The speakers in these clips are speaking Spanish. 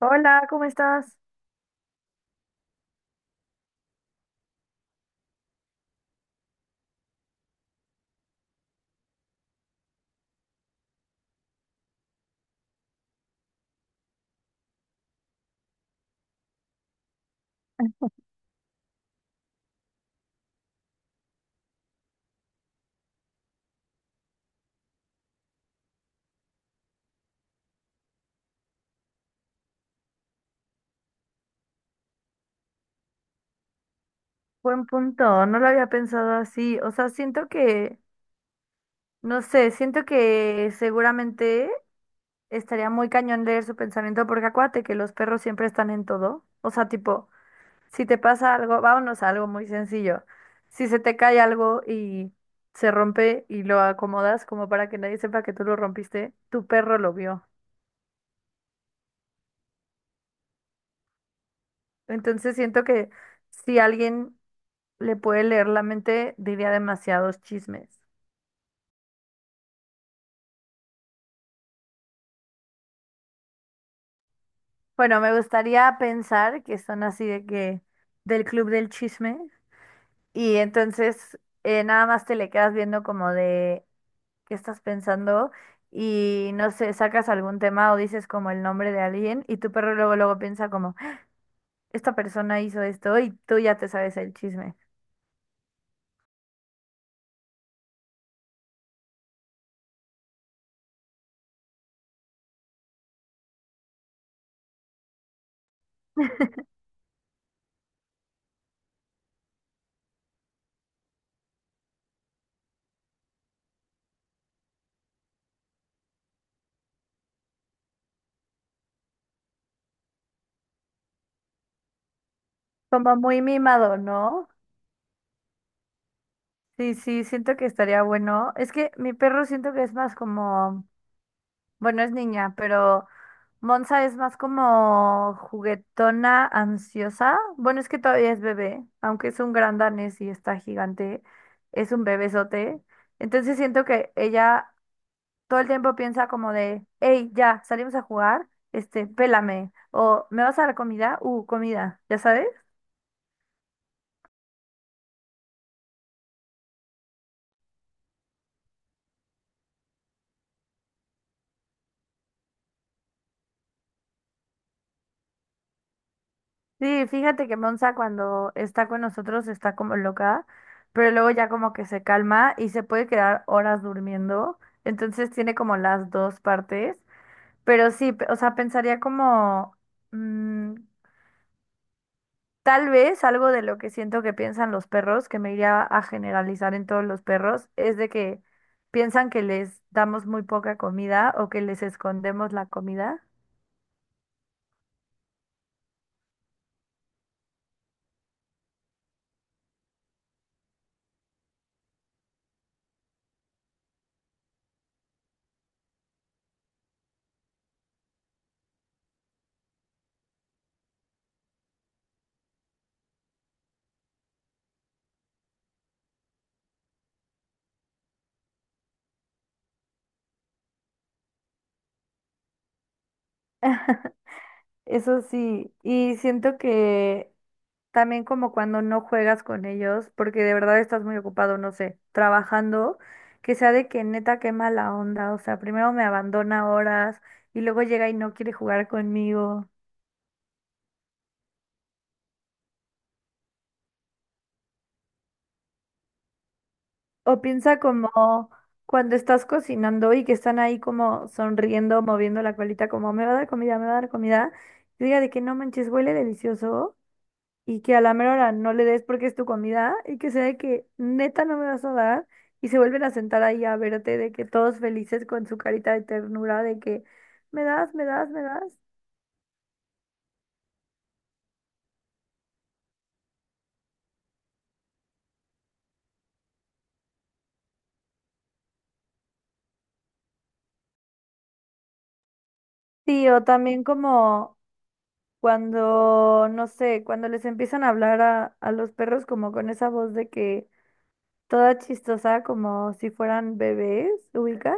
Hola, ¿cómo estás? Buen punto, no lo había pensado así. O sea, siento que, no sé, siento que seguramente estaría muy cañón leer su pensamiento porque acuérdate que los perros siempre están en todo. O sea, tipo, si te pasa algo, vámonos a algo muy sencillo. Si se te cae algo y se rompe y lo acomodas como para que nadie sepa que tú lo rompiste, tu perro lo vio. Entonces siento que si alguien le puede leer la mente, diría demasiados chismes. Bueno, me gustaría pensar que son así de que del club del chisme y entonces nada más te le quedas viendo como de qué estás pensando y no sé, sacas algún tema o dices como el nombre de alguien y tu perro luego luego piensa como esta persona hizo esto y tú ya te sabes el chisme. Como muy mimado, ¿no? Sí, sí, siento que estaría bueno. Es que mi perro siento que es más como bueno, es niña, pero Monza es más como juguetona, ansiosa. Bueno, es que todavía es bebé, aunque es un gran danés y está gigante, es un bebesote. Entonces siento que ella todo el tiempo piensa como de, hey, ya, salimos a jugar, este, pélame, o ¿me vas a dar comida? Comida, ¿ya sabes? Sí, fíjate que Monza cuando está con nosotros está como loca, pero luego ya como que se calma y se puede quedar horas durmiendo. Entonces tiene como las dos partes, pero sí, o sea, pensaría como mm, tal vez algo de lo que siento que piensan los perros, que me iría a generalizar en todos los perros, es de que piensan que les damos muy poca comida o que les escondemos la comida. Eso sí, y siento que también como cuando no juegas con ellos, porque de verdad estás muy ocupado, no sé, trabajando, que sea de que neta qué mala onda, o sea, primero me abandona horas y luego llega y no quiere jugar conmigo. O piensa como cuando estás cocinando y que están ahí como sonriendo, moviendo la colita, como me va a dar comida, me va a dar comida, y diga de que no manches, huele delicioso. Y que a la mera hora no le des porque es tu comida y que sea de que neta no me vas a dar y se vuelven a sentar ahí a verte de que todos felices con su carita de ternura de que me das, me das, me das. Sí, o también como cuando, no sé, cuando les empiezan a hablar a los perros como con esa voz de que toda chistosa como si fueran bebés, ¿ubicas?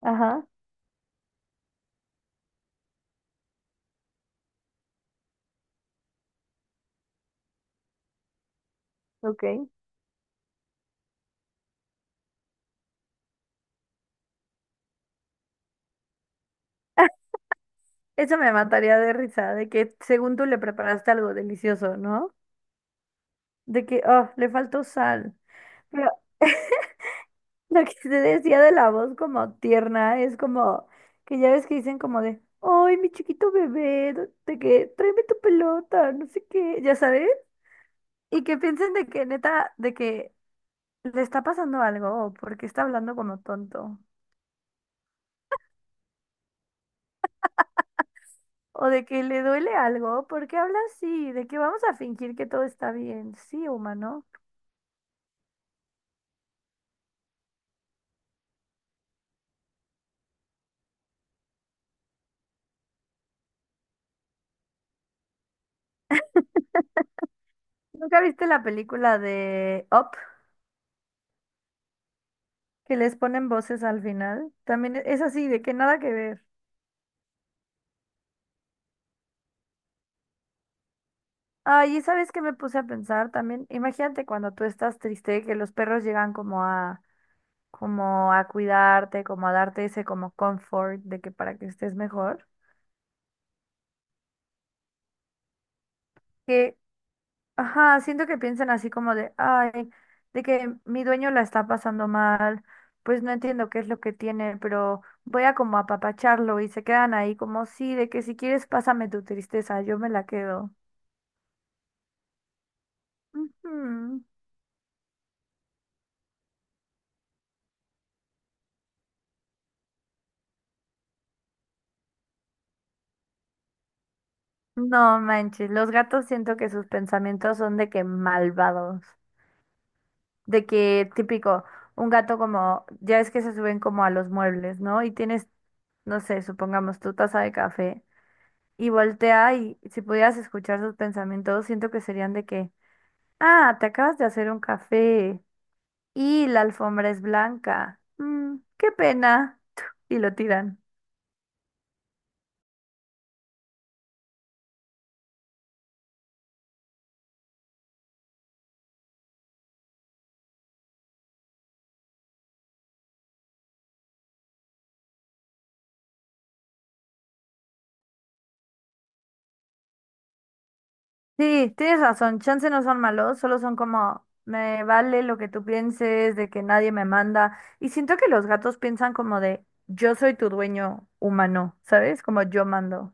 Ajá, ok. Eso me mataría de risa, de que según tú le preparaste algo delicioso, ¿no? De que, oh, le faltó sal. Pero lo que te decía de la voz como tierna es como que ya ves que dicen como de, ay, mi chiquito bebé, de que tráeme tu pelota, no sé qué, ya sabes. Y que piensen de que neta, de que le está pasando algo o porque está hablando como tonto. O de que le duele algo, porque habla así, de que vamos a fingir que todo está bien. Sí, humano. ¿Nunca viste la película de Up? Que les ponen voces al final. También es así, de que nada que ver. Ay, y sabes que me puse a pensar también, imagínate cuando tú estás triste, que los perros llegan como a, como a cuidarte, como a darte ese como comfort de que para que estés mejor. Que, ajá, siento que piensan así como de, ay, de que mi dueño la está pasando mal, pues no entiendo qué es lo que tiene, pero voy a como apapacharlo y se quedan ahí como, sí, de que si quieres pásame tu tristeza, yo me la quedo. Ujú. No manches, los gatos siento que sus pensamientos son de que malvados, de que típico, un gato como, ya es que se suben como a los muebles, ¿no? Y tienes, no sé, supongamos tu taza de café y voltea y si pudieras escuchar sus pensamientos, siento que serían de que, ah, te acabas de hacer un café y la alfombra es blanca, qué pena, y lo tiran. Sí, tienes razón, chance no son malos, solo son como, me vale lo que tú pienses, de que nadie me manda. Y siento que los gatos piensan como de, yo soy tu dueño humano, ¿sabes? Como yo mando.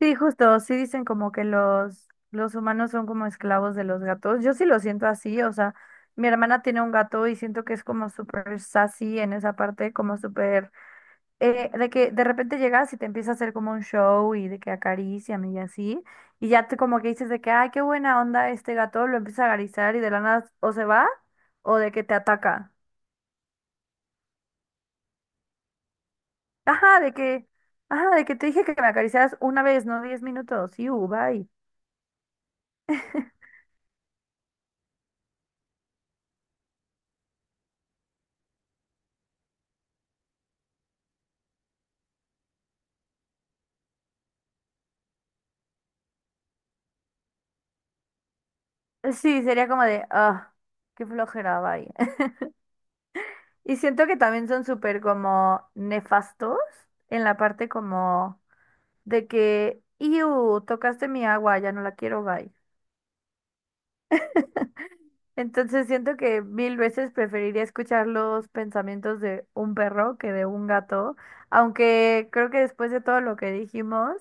Sí, justo, sí dicen como que los humanos son como esclavos de los gatos. Yo sí lo siento así, o sea, mi hermana tiene un gato y siento que es como súper sassy en esa parte, como súper... de que de repente llegas y te empieza a hacer como un show y de que acarician y así, y ya te como que dices de que, ay, qué buena onda este gato, lo empieza a acariciar y de la nada o se va o de que te ataca. Ajá, de que, ajá, de que te dije que me acariciaras una vez, no 10 minutos, y bye. Sí, sería como de, ah, qué flojera, bye. Y siento que también son súper como nefastos en la parte como de que, iu, tocaste mi agua, ya no la quiero, bye. Entonces siento que mil veces preferiría escuchar los pensamientos de un perro que de un gato, aunque creo que después de todo lo que dijimos,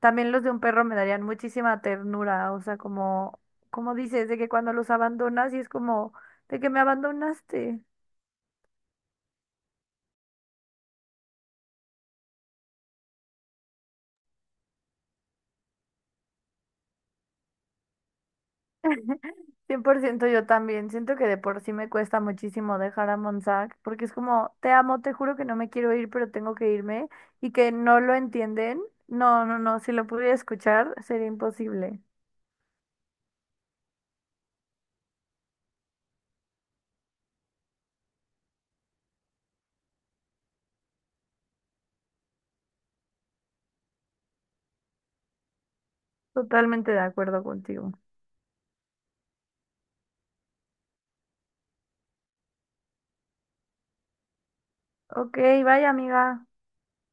también los de un perro me darían muchísima ternura, o sea, como, como dices, de que cuando los abandonas y es como, de que me abandonaste. 100% yo también, siento que de por sí me cuesta muchísimo dejar a Monsac, porque es como, te amo, te juro que no me quiero ir, pero tengo que irme, y que no lo entienden. No, no, no, si lo pudiera escuchar sería imposible. Totalmente de acuerdo contigo. Ok, vaya amiga.